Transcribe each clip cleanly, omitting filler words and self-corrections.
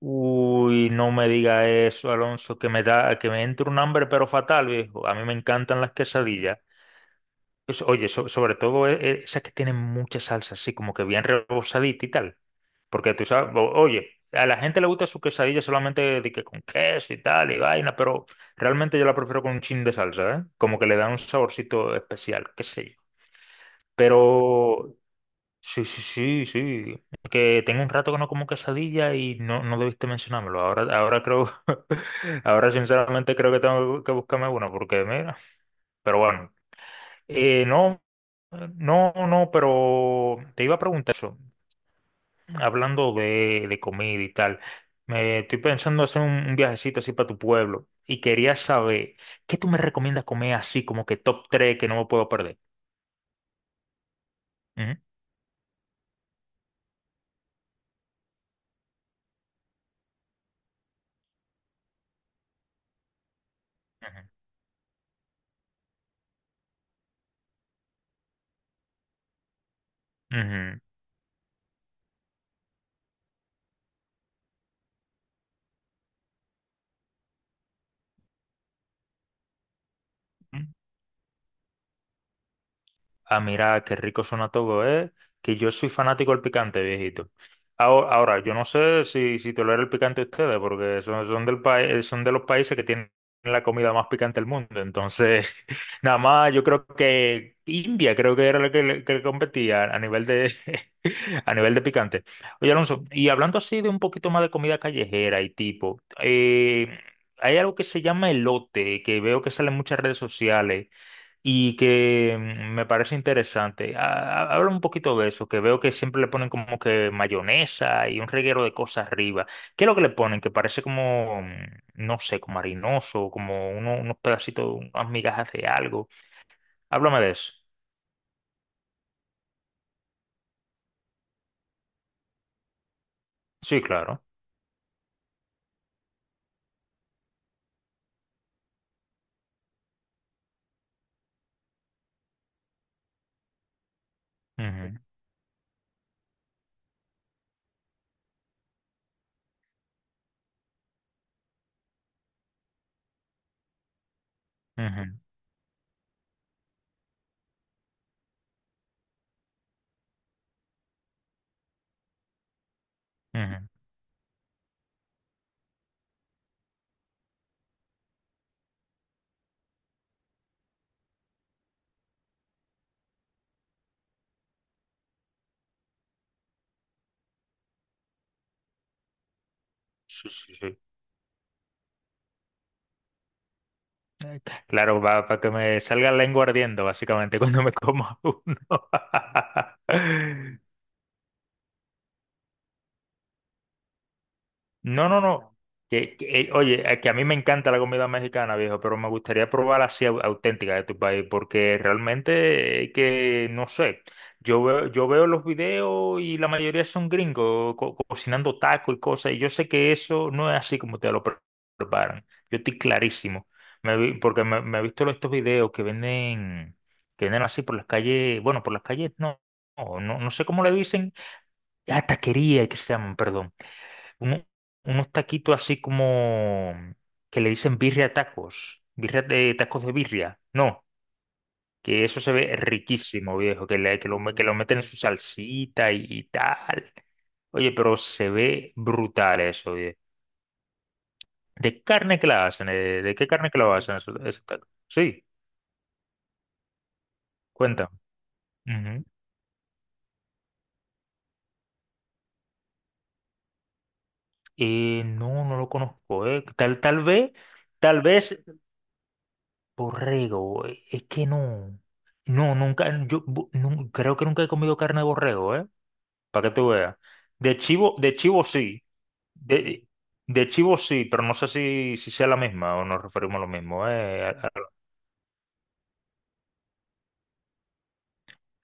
Uy, no me diga eso, Alonso, que me da, que me entra un hambre pero fatal, viejo. A mí me encantan las quesadillas. Pues, oye, sobre todo esas que tienen mucha salsa, así como que bien rebozadita y tal. Porque tú sabes, oye, a la gente le gusta su quesadilla solamente de que con queso y tal y vaina, pero realmente yo la prefiero con un chin de salsa, ¿eh? Como que le da un saborcito especial, qué sé yo. Pero sí, sí, sí, sí. Es que tengo un rato que no como quesadilla y no, no debiste mencionármelo. Ahora, ahora creo, ahora sinceramente creo que tengo que buscarme una porque mira, pero bueno. No, no, no, pero te iba a preguntar eso, hablando de comida y tal. Me estoy pensando hacer un viajecito así para tu pueblo y quería saber, ¿qué tú me recomiendas comer así como que top 3 que no me puedo perder? Ujú, ujú, ujú. A mirar qué rico suena todo, ¿eh? Que yo soy fanático del picante, viejito. Ahora, ahora, yo no sé si, si tolera el picante ustedes, porque son, son del país, son de los países que tienen la comida más picante del mundo. Entonces, nada más, yo creo que India, creo que era la que, que le competía a nivel de, a nivel de picante. Oye, Alonso, y hablando así de un poquito más de comida callejera y tipo, hay algo que se llama elote, que veo que sale en muchas redes sociales y que me parece interesante. Habla un poquito de eso, que veo que siempre le ponen como que mayonesa y un reguero de cosas arriba. ¿Qué es lo que le ponen? Que parece como, no sé, como harinoso, como unos pedacitos, unas migajas de algo. Háblame de eso. Sí, claro. Ujú, ujú, ujú. Sí, sí, sí. Eh, Claro, va para que me salga la lengua ardiendo, básicamente, cuando me coma uno. No, no, no. Que, oye, que a mí me encanta la comida mexicana, viejo, pero me gustaría probar así auténtica de tu país, porque realmente que, no sé, yo veo los videos y la mayoría son gringos cocinando tacos y cosas, y yo sé que eso no es así como te lo preparan. Yo estoy clarísimo. Porque me he visto los estos videos que venden así por las calles, bueno, por las calles no, no, no, no sé cómo le dicen, ah, taquería, que se llaman, perdón, uno- unos taquitos así como que le dicen birria tacos, birria de tacos de birria, no, que eso se ve riquísimo, viejo, que, que lo, que lo meten en su salsita y tal. Oye, pero se ve brutal eso, viejo. ¿De carne que la hacen? ¿Eh? ¿De qué carne que lo hacen esos tacos? Sí, cuéntame. Ujú. No, no lo conozco, eh. Tal, tal vez borrego, es que no, no, nunca, creo que nunca he comido carne de borrego, ¿eh? Para que tú veas. De chivo, de chivo sí, de, de chivo sí, pero no sé si, si sea la misma o nos referimos a lo mismo, ¿eh?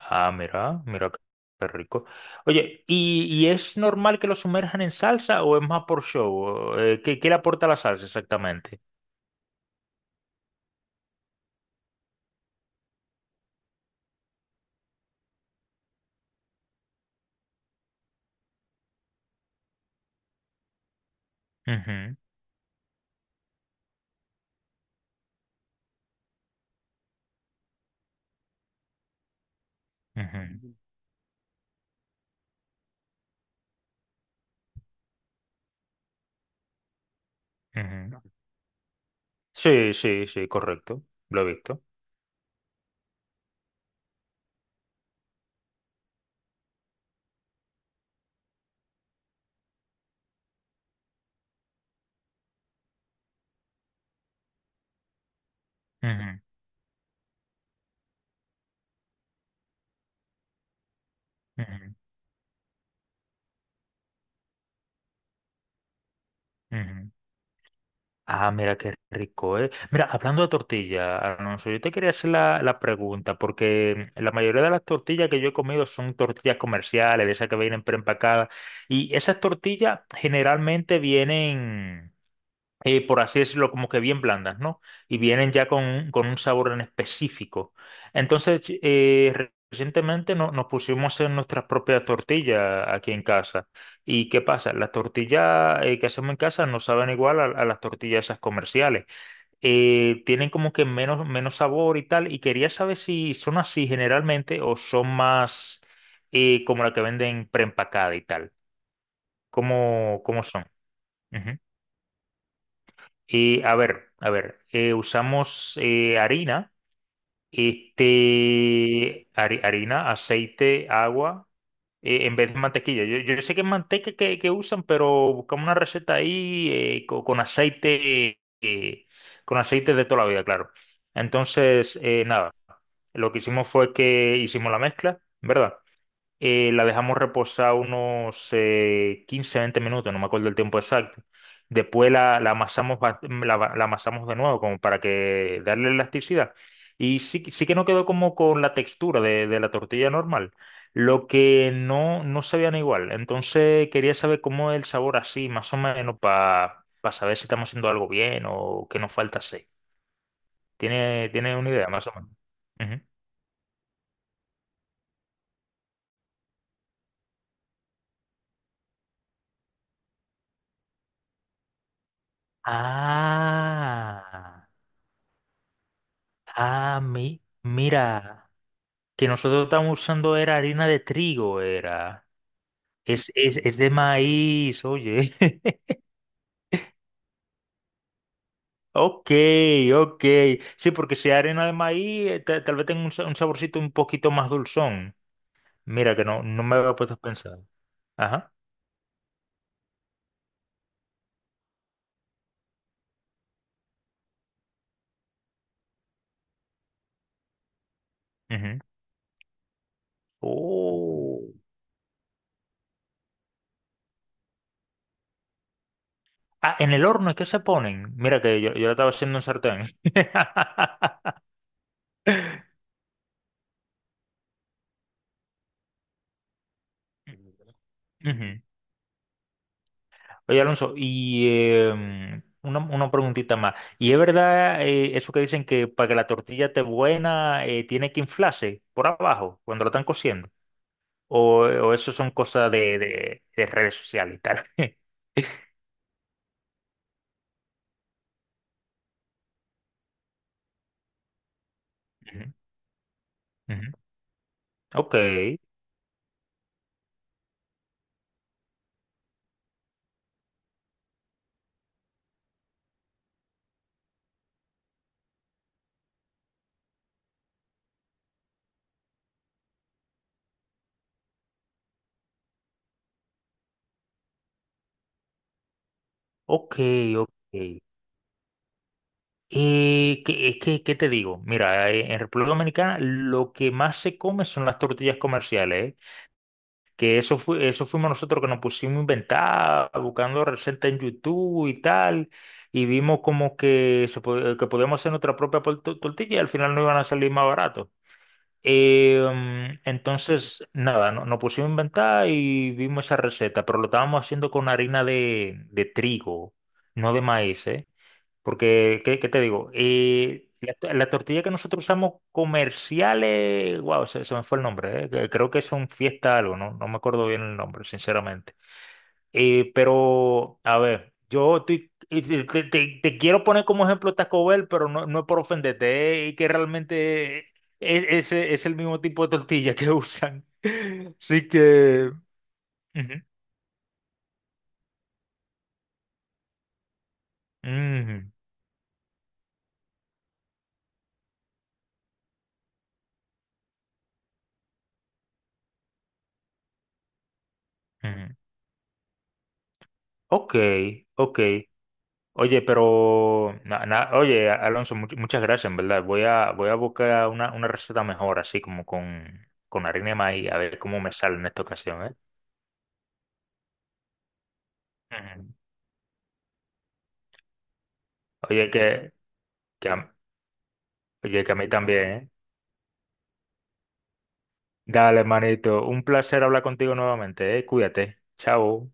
Ah, mira, mira qué qué rico. Oye, y es normal que lo sumerjan en salsa o es más por show? ¿Qué, qué le aporta la salsa exactamente? Ujú, ujú, ujú. Sí, sí, sí, correcto, lo he visto. Ujú, ujú, ujú. Ah, mira qué rico, ¿eh? Mira, hablando de tortilla, Alonso, yo te quería hacer la, la pregunta, porque la mayoría de las tortillas que yo he comido son tortillas comerciales, de esas que vienen preempacadas, y esas tortillas generalmente vienen por así decirlo, como que bien blandas, ¿no? Y vienen ya con un sabor en específico. Entonces, recientemente nos pusimos a hacer nuestras propias tortillas aquí en casa. ¿Y qué pasa? Las tortillas que hacemos en casa no saben igual a las tortillas esas comerciales. Tienen como que menos, menos sabor y tal. Y quería saber si son así generalmente o son más como la que venden preempacada y tal. ¿Cómo, cómo son? A ver, a ver, usamos harina, este, harina, aceite, agua, en vez de mantequilla. Yo sé que es manteca que usan, pero buscamos una receta ahí co- con aceite de toda la vida, claro. Entonces, nada, lo que hicimos fue que hicimos la mezcla, ¿verdad? La dejamos reposar unos 15, 20 minutos, no me acuerdo el tiempo exacto. Después la, la amasamos, la, la amasamos de nuevo como para que darle elasticidad. Y sí, sí que no quedó como con la textura de la tortilla normal, lo que no, no sabían igual. Entonces quería saber cómo es el sabor así, más o menos, para saber si estamos haciendo algo bien o qué nos falta hacer. ¿Tiene, tiene una idea, más o menos? Ujú. Ah. Ah, mi, mira, que nosotros estamos usando era harina de trigo, era. Es de maíz, oye. Ok, ok. Sí, porque si hay harina de maíz, tal vez tenga un, un saborcito un poquito más dulzón. Mira, que no, no me había puesto a pensar. Ajá. Ujú. Oh. Ah, en el horno es que se ponen. Mira que yo la estaba haciendo en sartén. Ujú. Oye, Alonso, y una preguntita más. ¿Y es verdad eso que dicen que para que la tortilla esté buena tiene que inflarse por abajo cuando la están cociendo? O eso son cosas de, de redes sociales y tal? Ujú, ujú. Ok, ok, ok. ¿Qué, qué te digo? Mira, en República Dominicana lo que más se come son las tortillas comerciales, ¿eh? Que eso fue, eso fuimos nosotros que nos pusimos a inventar, buscando recetas en YouTube y tal, y vimos como que, se, que podíamos hacer nuestra propia tortilla y al final no iban a salir más barato. Entonces, nada, nos pusimos a inventar y vimos esa receta, pero lo estábamos haciendo con harina de trigo, no de maíz, ¿eh? Porque, ¿qué, qué te digo? La, la tortilla que nosotros usamos comerciales, wow, se me fue el nombre, creo que es un fiesta algo, no, no me acuerdo bien el nombre, sinceramente. Pero, a ver, y te, te quiero poner como ejemplo Taco Bell, pero no, no es por ofenderte, y que realmente es, es el mismo tipo de tortilla que usan. Así que... ujú, ujú, ujú. Ok, ok. Oye, pero, na- na- oye, Alonso, muchas gracias, en verdad. Voy a, voy a buscar una receta mejor, así como con harina de maíz, a ver cómo me sale en esta ocasión, ¿eh? Ujú. Oye, que a, oye, que a mí también, ¿eh? Dale, manito, un placer hablar contigo nuevamente, ¿eh? Cuídate. Chao.